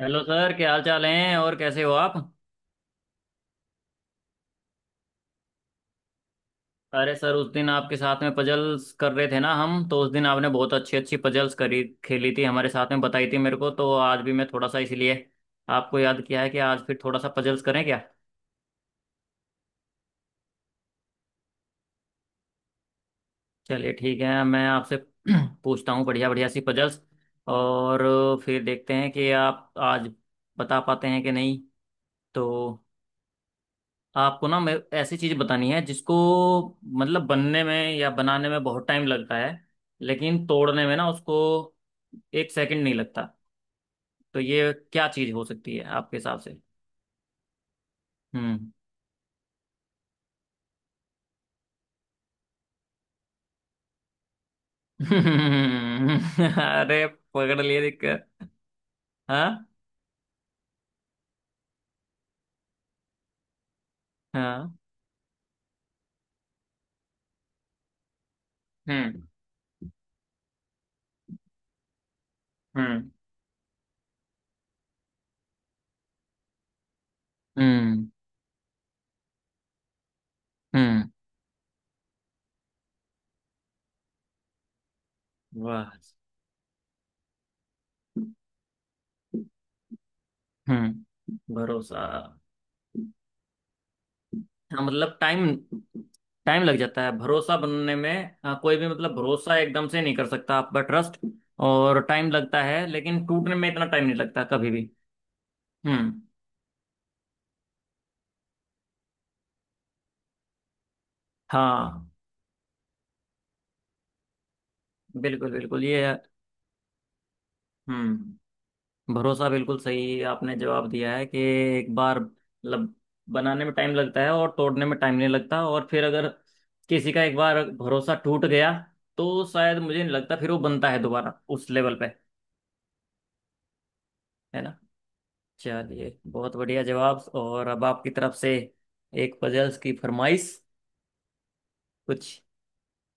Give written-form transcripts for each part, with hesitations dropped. Hello sir, क्या हाल चाल हैं और कैसे हो आप? अरे सर, उस दिन आपके साथ में पजल्स कर रहे थे ना, हम तो उस दिन आपने बहुत अच्छी अच्छी पजल्स करी खेली थी हमारे साथ में, बताई थी मेरे को, तो आज भी मैं थोड़ा सा इसलिए आपको याद किया है कि आज फिर थोड़ा सा पजल्स करें क्या? चलिए ठीक है, मैं आपसे पूछता हूँ बढ़िया बढ़िया सी पजल्स, और फिर देखते हैं कि आप आज बता पाते हैं कि नहीं। तो आपको ना मैं ऐसी चीज बतानी है जिसको, मतलब, बनने में या बनाने में बहुत टाइम लगता है, लेकिन तोड़ने में ना उसको एक सेकंड नहीं लगता। तो ये क्या चीज हो सकती है आपके हिसाब से? हम्म। अरे। पकड़ लिए दिक्कत। हाँ हाँ। हम्म। हम्म। हम्म। हम्म। वाह। हम्म। भरोसा। हाँ, मतलब टाइम। टाइम लग जाता है भरोसा बनने में। हाँ, कोई भी मतलब भरोसा एकदम से नहीं कर सकता, आपका ट्रस्ट। और टाइम लगता है, लेकिन टूटने में इतना टाइम नहीं लगता कभी भी। हम्म। हाँ, बिल्कुल बिल्कुल ये। हम्म। भरोसा बिल्कुल सही आपने जवाब दिया है कि एक बार मतलब बनाने में टाइम लगता है और तोड़ने में टाइम नहीं लगता। और फिर अगर किसी का एक बार भरोसा टूट गया, तो शायद मुझे नहीं लगता फिर वो बनता है दोबारा उस लेवल पे, है ना? चलिए बहुत बढ़िया जवाब। और अब आपकी तरफ से एक पजल्स की फरमाइश कुछ।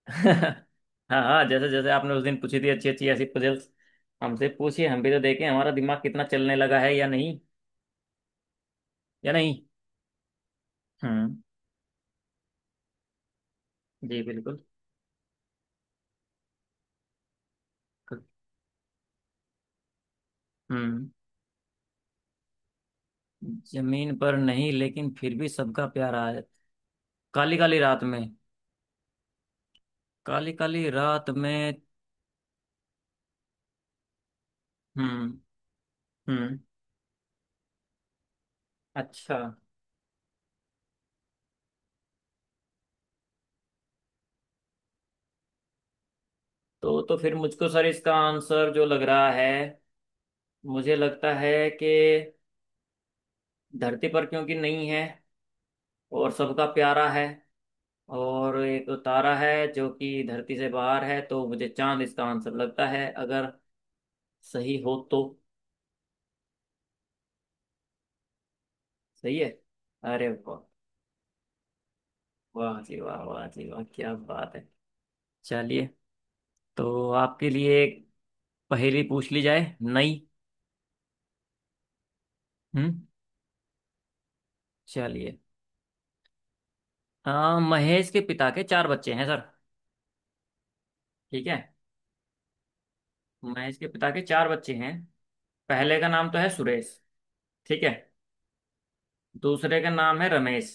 हाँ हाँ, जैसे जैसे आपने उस दिन पूछी थी अच्छी अच्छी ऐसी पजल्स, हमसे पूछिए। हम भी तो देखें हमारा दिमाग कितना चलने लगा है या नहीं, या नहीं। हम्म। जी बिल्कुल। हम्म। जमीन पर नहीं, लेकिन फिर भी सबका प्यारा है। काली काली रात में। काली काली रात में। हम्म। हम्म। अच्छा। तो फिर मुझको सर इसका आंसर जो लग रहा है, मुझे लगता है कि धरती पर क्योंकि नहीं है, और सबका प्यारा है, और एक तारा है जो कि धरती से बाहर है, तो मुझे चांद इसका आंसर लगता है, अगर सही हो तो। सही है। अरे वाह! वाह जी वाह, वाह जी वाह, क्या बात है! चलिए, तो आपके लिए एक पहेली पूछ ली जाए नई। हम्म। चलिए। महेश के पिता के चार बच्चे हैं सर। ठीक है। महेश के पिता के चार बच्चे हैं। पहले का नाम तो है सुरेश। ठीक है। दूसरे का नाम है रमेश।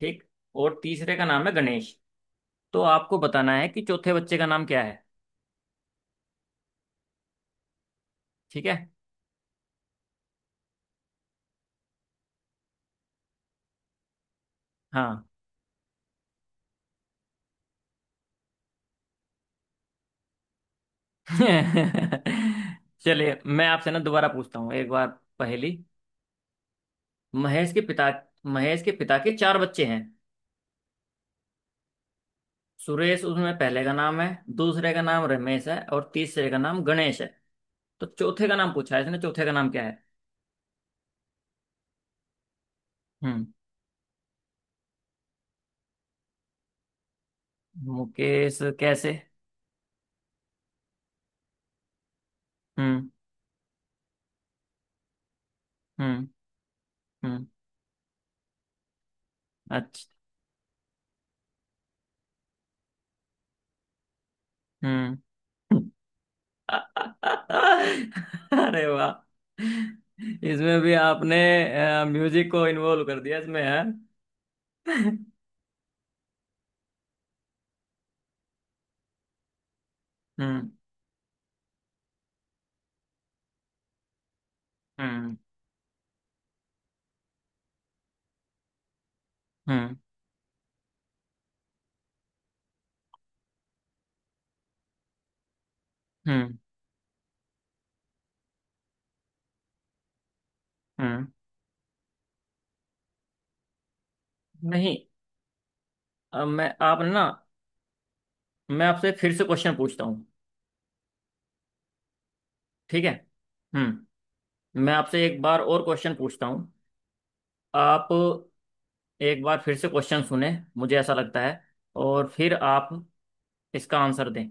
ठीक। और तीसरे का नाम है गणेश। तो आपको बताना है कि चौथे बच्चे का नाम क्या है। ठीक है। हाँ। चलिए, मैं आपसे ना दोबारा पूछता हूँ एक बार पहेली। महेश के पिता महेश के पिता के चार बच्चे हैं। सुरेश उसमें पहले का नाम है, दूसरे का नाम रमेश है, और तीसरे का नाम गणेश है। तो चौथे का नाम पूछा है इसने। चौथे का नाम क्या है? हम्म। मुकेश कैसे? हम्म। हम्म। हम्म। अच्छा। हम्म। अरे वाह! इसमें भी आपने म्यूजिक को इन्वॉल्व कर दिया इसमें है। हम्म। हम्म। हम्म। हम्म। हम्म। नहीं। मैं आप ना मैं आपसे फिर से क्वेश्चन पूछता हूँ। ठीक है। हम्म। मैं आपसे एक बार और क्वेश्चन पूछता हूँ। आप एक बार फिर से क्वेश्चन सुने, मुझे ऐसा लगता है, और फिर आप इसका आंसर दें।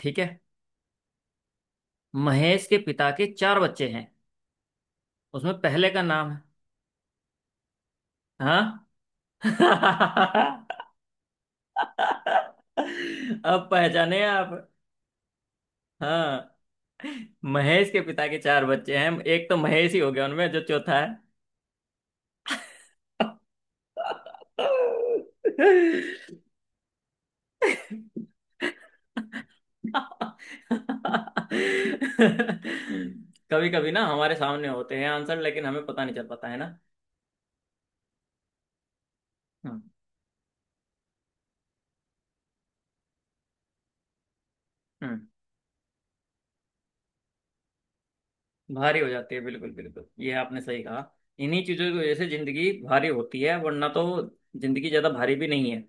ठीक है। महेश के पिता के चार बच्चे हैं, उसमें पहले का नाम है। हाँ। अब पहचाने आप। हाँ, महेश के पिता के चार बच्चे हैं, एक तो महेश ही हो गया, उनमें जो चौथा है। कभी कभी ना हमारे सामने होते हैं आंसर, लेकिन हमें पता नहीं चल पाता, है ना? हम्म। हम्म। भारी हो जाती है, बिल्कुल बिल्कुल ये आपने सही कहा। इन्हीं चीजों की वजह से जिंदगी भारी होती है, वरना तो जिंदगी ज्यादा भारी भी नहीं है।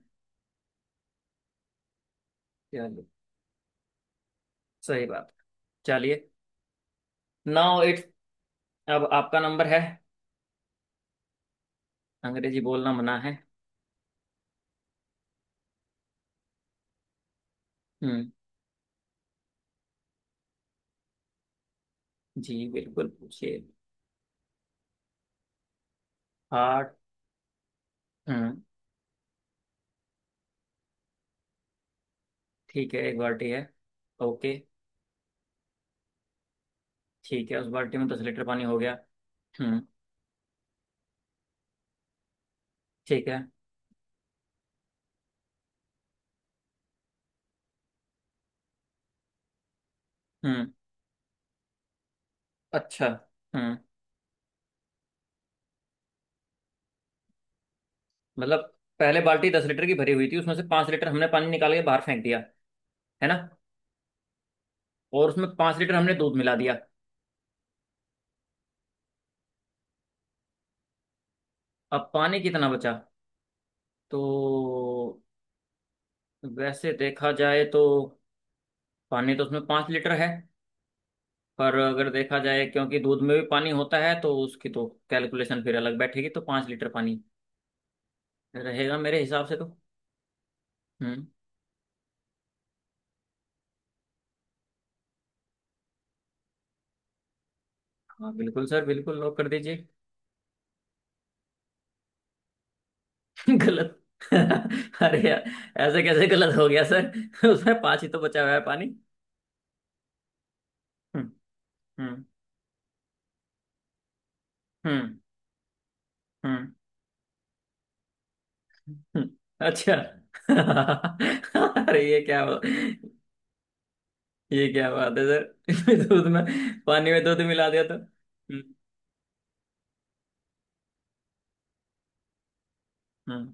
चलिए। सही बात। चलिए। नाउ इट्स, अब आपका नंबर है। अंग्रेजी बोलना मना है। हम्म। जी बिल्कुल पूछिए। हार्ट। हम्म। ठीक है, एक बाल्टी है। ओके। ठीक है। उस बाल्टी में 10 लीटर पानी हो गया। हम्म। ठीक है। हम्म। अच्छा। हम्म। मतलब पहले बाल्टी 10 लीटर की भरी हुई थी, उसमें से 5 लीटर हमने पानी निकाल के बाहर फेंक दिया, है ना? और उसमें 5 लीटर हमने दूध मिला दिया। अब पानी कितना बचा? तो वैसे देखा जाए तो पानी तो उसमें पांच लीटर है, पर अगर देखा जाए क्योंकि दूध में भी पानी होता है तो उसकी तो कैलकुलेशन फिर अलग बैठेगी, तो 5 लीटर पानी रहेगा मेरे हिसाब से तो। हम्म। हाँ बिल्कुल सर, बिल्कुल लॉक कर दीजिए। गलत! अरे यार, ऐसे कैसे गलत हो गया सर? उसमें पांच ही तो बचा हुआ है पानी। हम्म। हम्म। हम्म। हम्म। हम्म, हम्म। अच्छा। अरे ये क्या हुआ? ये क्या बात है सर? इसमें दूध में, पानी में दूध मिला दिया तो। हम्म। हम्म।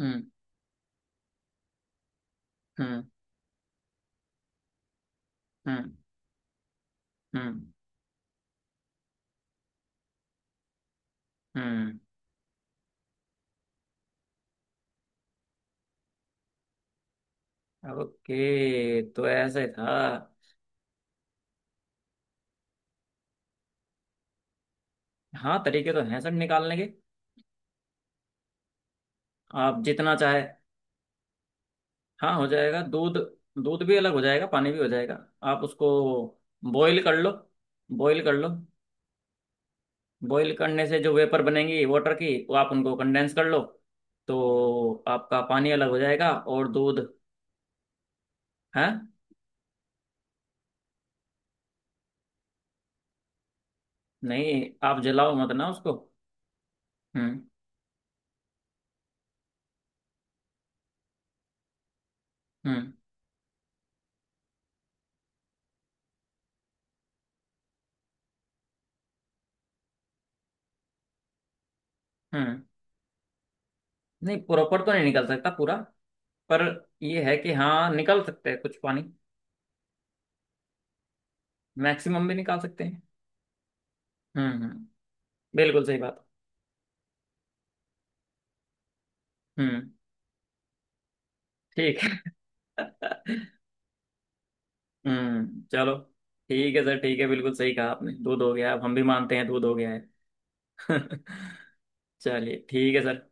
हम्म। हम्म। हम्म। हम्म। हम्म, ओके तो ऐसे था। हाँ, तरीके तो हैं सर निकालने के। आप जितना चाहे। हाँ हो जाएगा दूध। दूध भी अलग हो जाएगा, पानी भी हो जाएगा। आप उसको बॉईल कर लो। बॉईल कर लो। बॉईल करने से जो वेपर बनेंगी वाटर की, वो आप उनको कंडेंस कर लो। तो आपका पानी अलग हो जाएगा, और दूध है। नहीं, आप जलाओ मत ना उसको। हम्म। हम्म। हम्म। नहीं प्रॉपर तो नहीं निकल सकता पूरा, पर ये है कि हाँ निकल सकते हैं कुछ पानी। मैक्सिमम भी निकाल सकते हैं। हम्म। हम्म। बिल्कुल सही बात। हम्म। ठीक है। हम्म, चलो। ठीक है सर, ठीक है। बिल्कुल सही कहा आपने दूध हो गया, अब हम भी मानते हैं दूध हो गया है। चलिए ठीक है सर।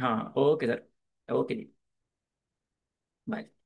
हाँ ओके सर, ओके जी। बाय।